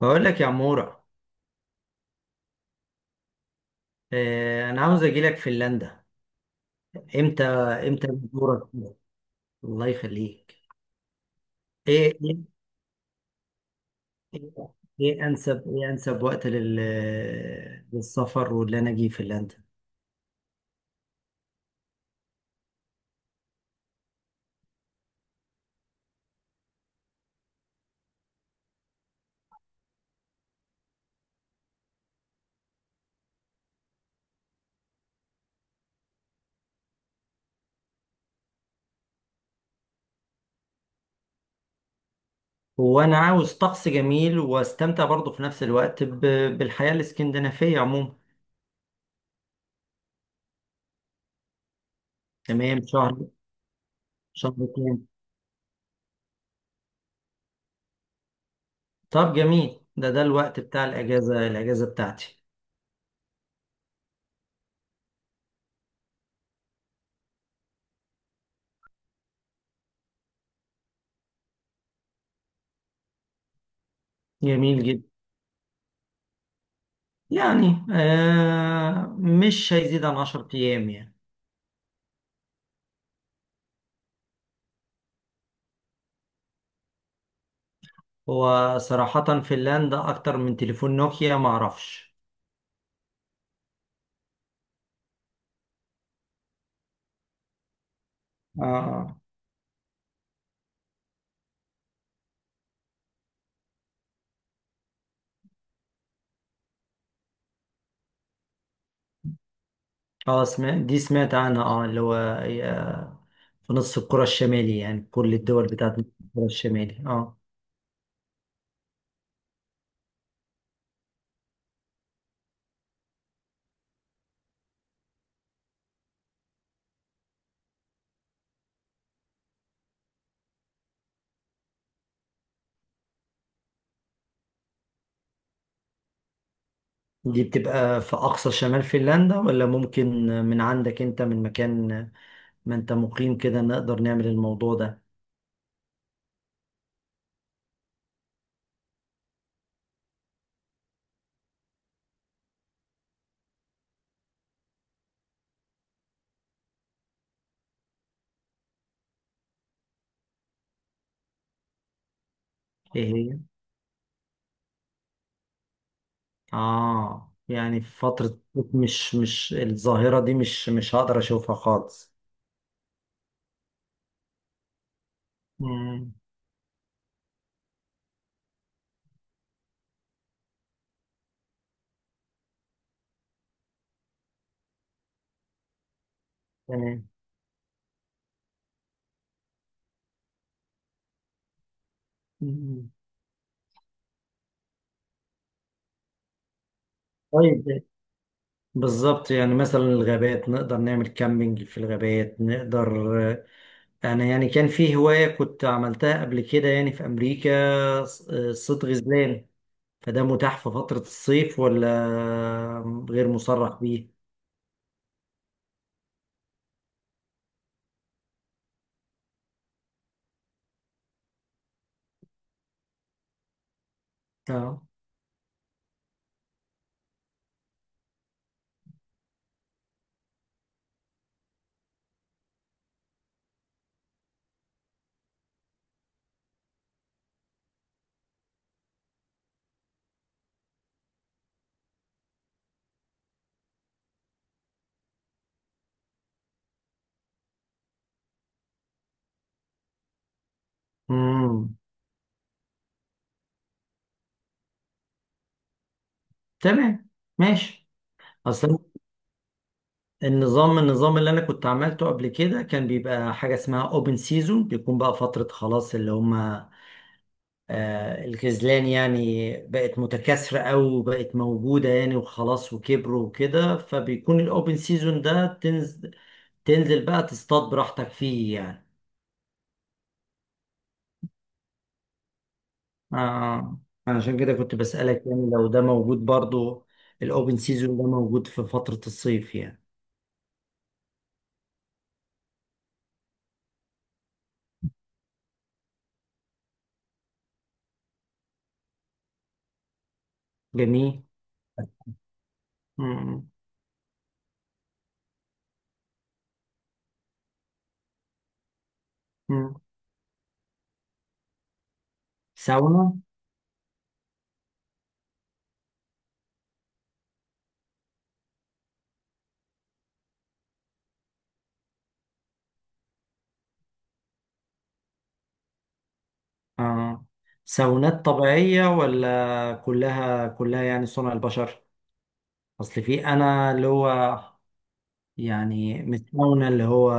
بقول لك يا عمورة. آه، انا عاوز اجي لك فنلندا. امتى؟ امتى دورك؟ الله يخليك. ايه، ايه. ايه. إيه انسب وقت للسفر واللي انا اجي فنلندا. هو انا عاوز طقس جميل واستمتع برضه في نفس الوقت بالحياة الاسكندنافية عموما. تمام، شهر. شهر كام؟ طب جميل، ده الوقت بتاع الاجازة بتاعتي. جميل جدا. يعني مش هيزيد عن 10 ايام يعني. هو صراحة فنلندا أكتر من تليفون نوكيا معرفش. اه، اه. اه، سمعت عنها، اه اللي هو، في نص الكرة الشمالي، يعني كل الدول بتاعت نص الكرة الشمالي، اه. دي بتبقى في أقصى شمال فنلندا ولا ممكن من عندك أنت، من مكان ما أنت مقيم كده، نقدر نعمل الموضوع ده؟ إيه هي؟ اه، يعني في فترة مش الظاهرة دي، مش هقدر أشوفها خالص. مم. تمام. مم. طيب. بالظبط، يعني مثلا الغابات نقدر نعمل كامبينج في الغابات، نقدر. انا يعني كان في هواية كنت عملتها قبل كده يعني في امريكا، صيد غزلان. فده متاح في فترة الصيف ولا غير مصرح بيه؟ اه. امم. تمام. ماشي. اصلا النظام اللي انا كنت عملته قبل كده، كان بيبقى حاجة اسمها اوبن سيزون، بيكون بقى فترة خلاص اللي هم الخذلان يعني بقت متكاثرة أوي وبقت موجودة يعني، وخلاص وكبروا وكده، فبيكون الأوبن سيزون ده، تنزل بقى تصطاد براحتك فيه يعني. آه، عشان كده كنت بسألك يعني لو ده موجود برضو، الأوبن سيزون ده موجود في فترة الصيف يعني؟ جميل. مم. مم. ساونا. آه، ساونات طبيعية ولا كلها يعني صنع البشر؟ أصل في، أنا اللي هو، يعني متكونه اللي هو،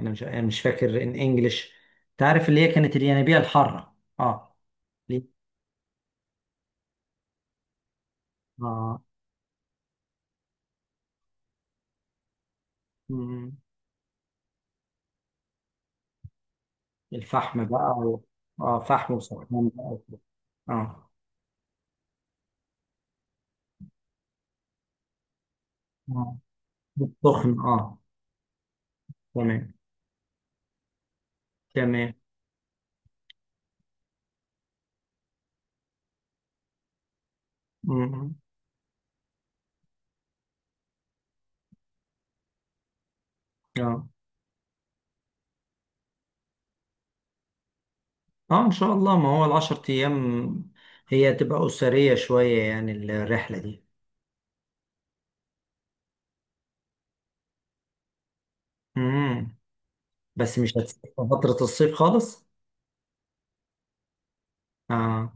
انا مش فاكر ان انجلش، تعرف اللي هي كانت الينابيع الحاره؟ اه. ليه؟ اه. مم. الفحم بقى و... اه، فحم وسخان. بقى وكده. اه. اه. السخن، اه. تمام. تمام. مم. اه. اه، ان شاء الله. ما هو العشر ايام، هي تبقى اسريه شويه يعني، الرحله دي. مم. بس مش هتسافر فتره الصيف خالص؟ اه.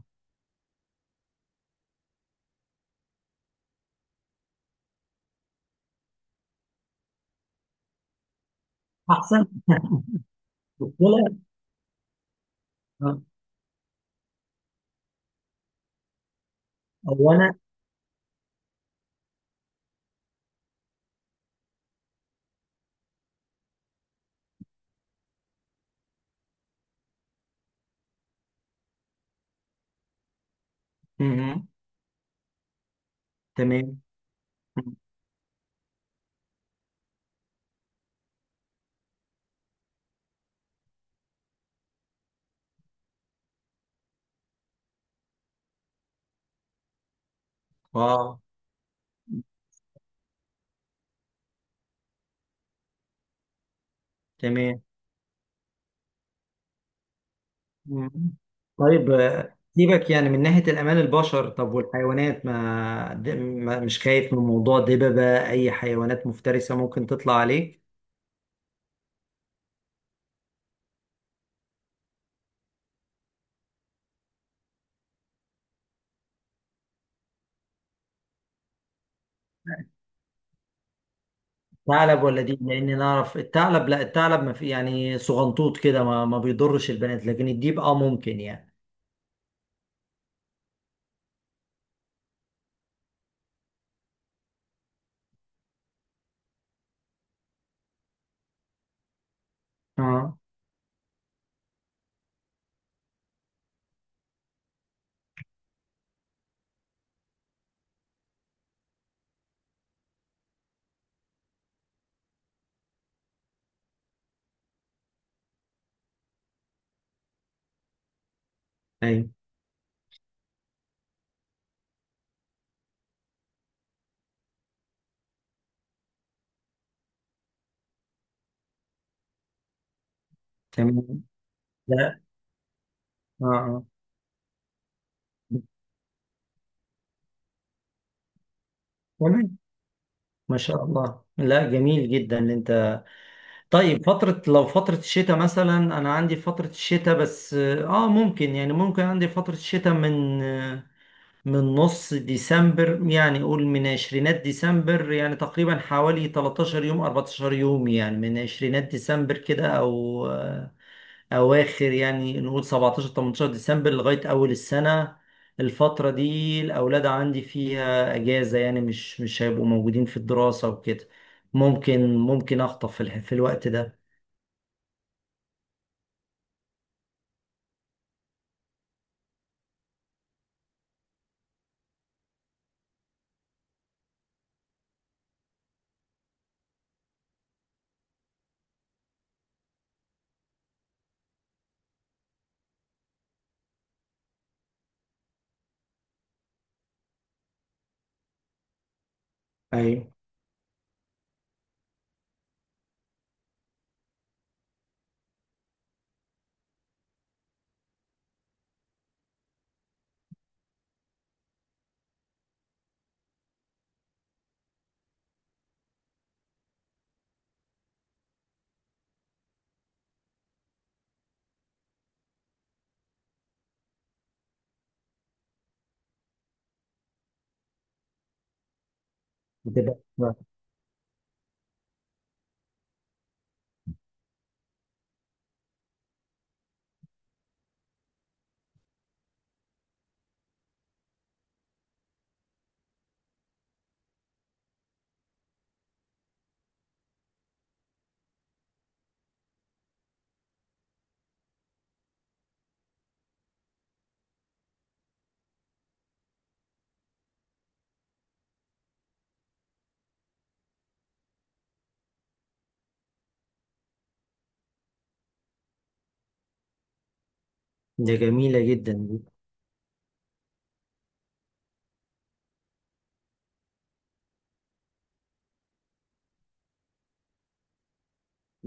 احسن. طلع. آه. هو انا. مم. تمام. مم. اه. تمام. مم. طيب سيبك يعني من ناحية الأمان البشر، طب والحيوانات، ما مش خايف من موضوع دببة، أي حيوانات مفترسة ممكن تطلع عليه؟ ثعلب ولا دي؟ لأني نعرف الثعلب، لا الثعلب ما في، يعني صغنطوط كده، ما بيضرش البنات، لكن الديب اه ممكن يعني. اه. أيوه. تمام. لا. اه. آه. تمام. ما شاء الله، لا جميل جدا اللي انت. طيب فترة، لو فترة الشتاء مثلا. أنا عندي فترة الشتاء بس آه ممكن، يعني ممكن عندي فترة الشتاء من من نص ديسمبر، يعني قول من عشرينات ديسمبر يعني، تقريبا حوالي 13 يوم 14 يوم يعني، من عشرينات ديسمبر كده او اواخر، يعني نقول 17 18 ديسمبر لغاية اول السنة. الفترة دي الاولاد عندي فيها اجازة، يعني مش هيبقوا موجودين في الدراسة وكده. ممكن اخطف في الوقت ده. ايوه. بتبقى. ده جميلة جدا دي.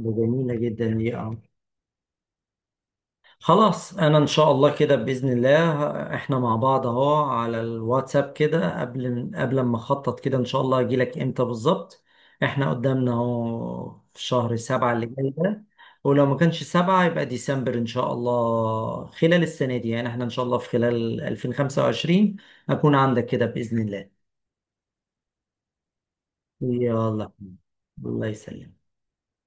ده جميلة جدا دي، اه. خلاص، انا ان شاء الله كده باذن الله. احنا مع بعض اهو على الواتساب كده، قبل ما اخطط كده ان شاء الله، اجيلك امتى بالظبط. احنا قدامنا اهو في شهر سبعة اللي جاي ده، ولو ما كانش سبعة يبقى ديسمبر ان شاء الله، خلال السنة دي يعني، احنا ان شاء الله في خلال 2025 اكون عندك كده باذن الله. يلا. الله يسلمك.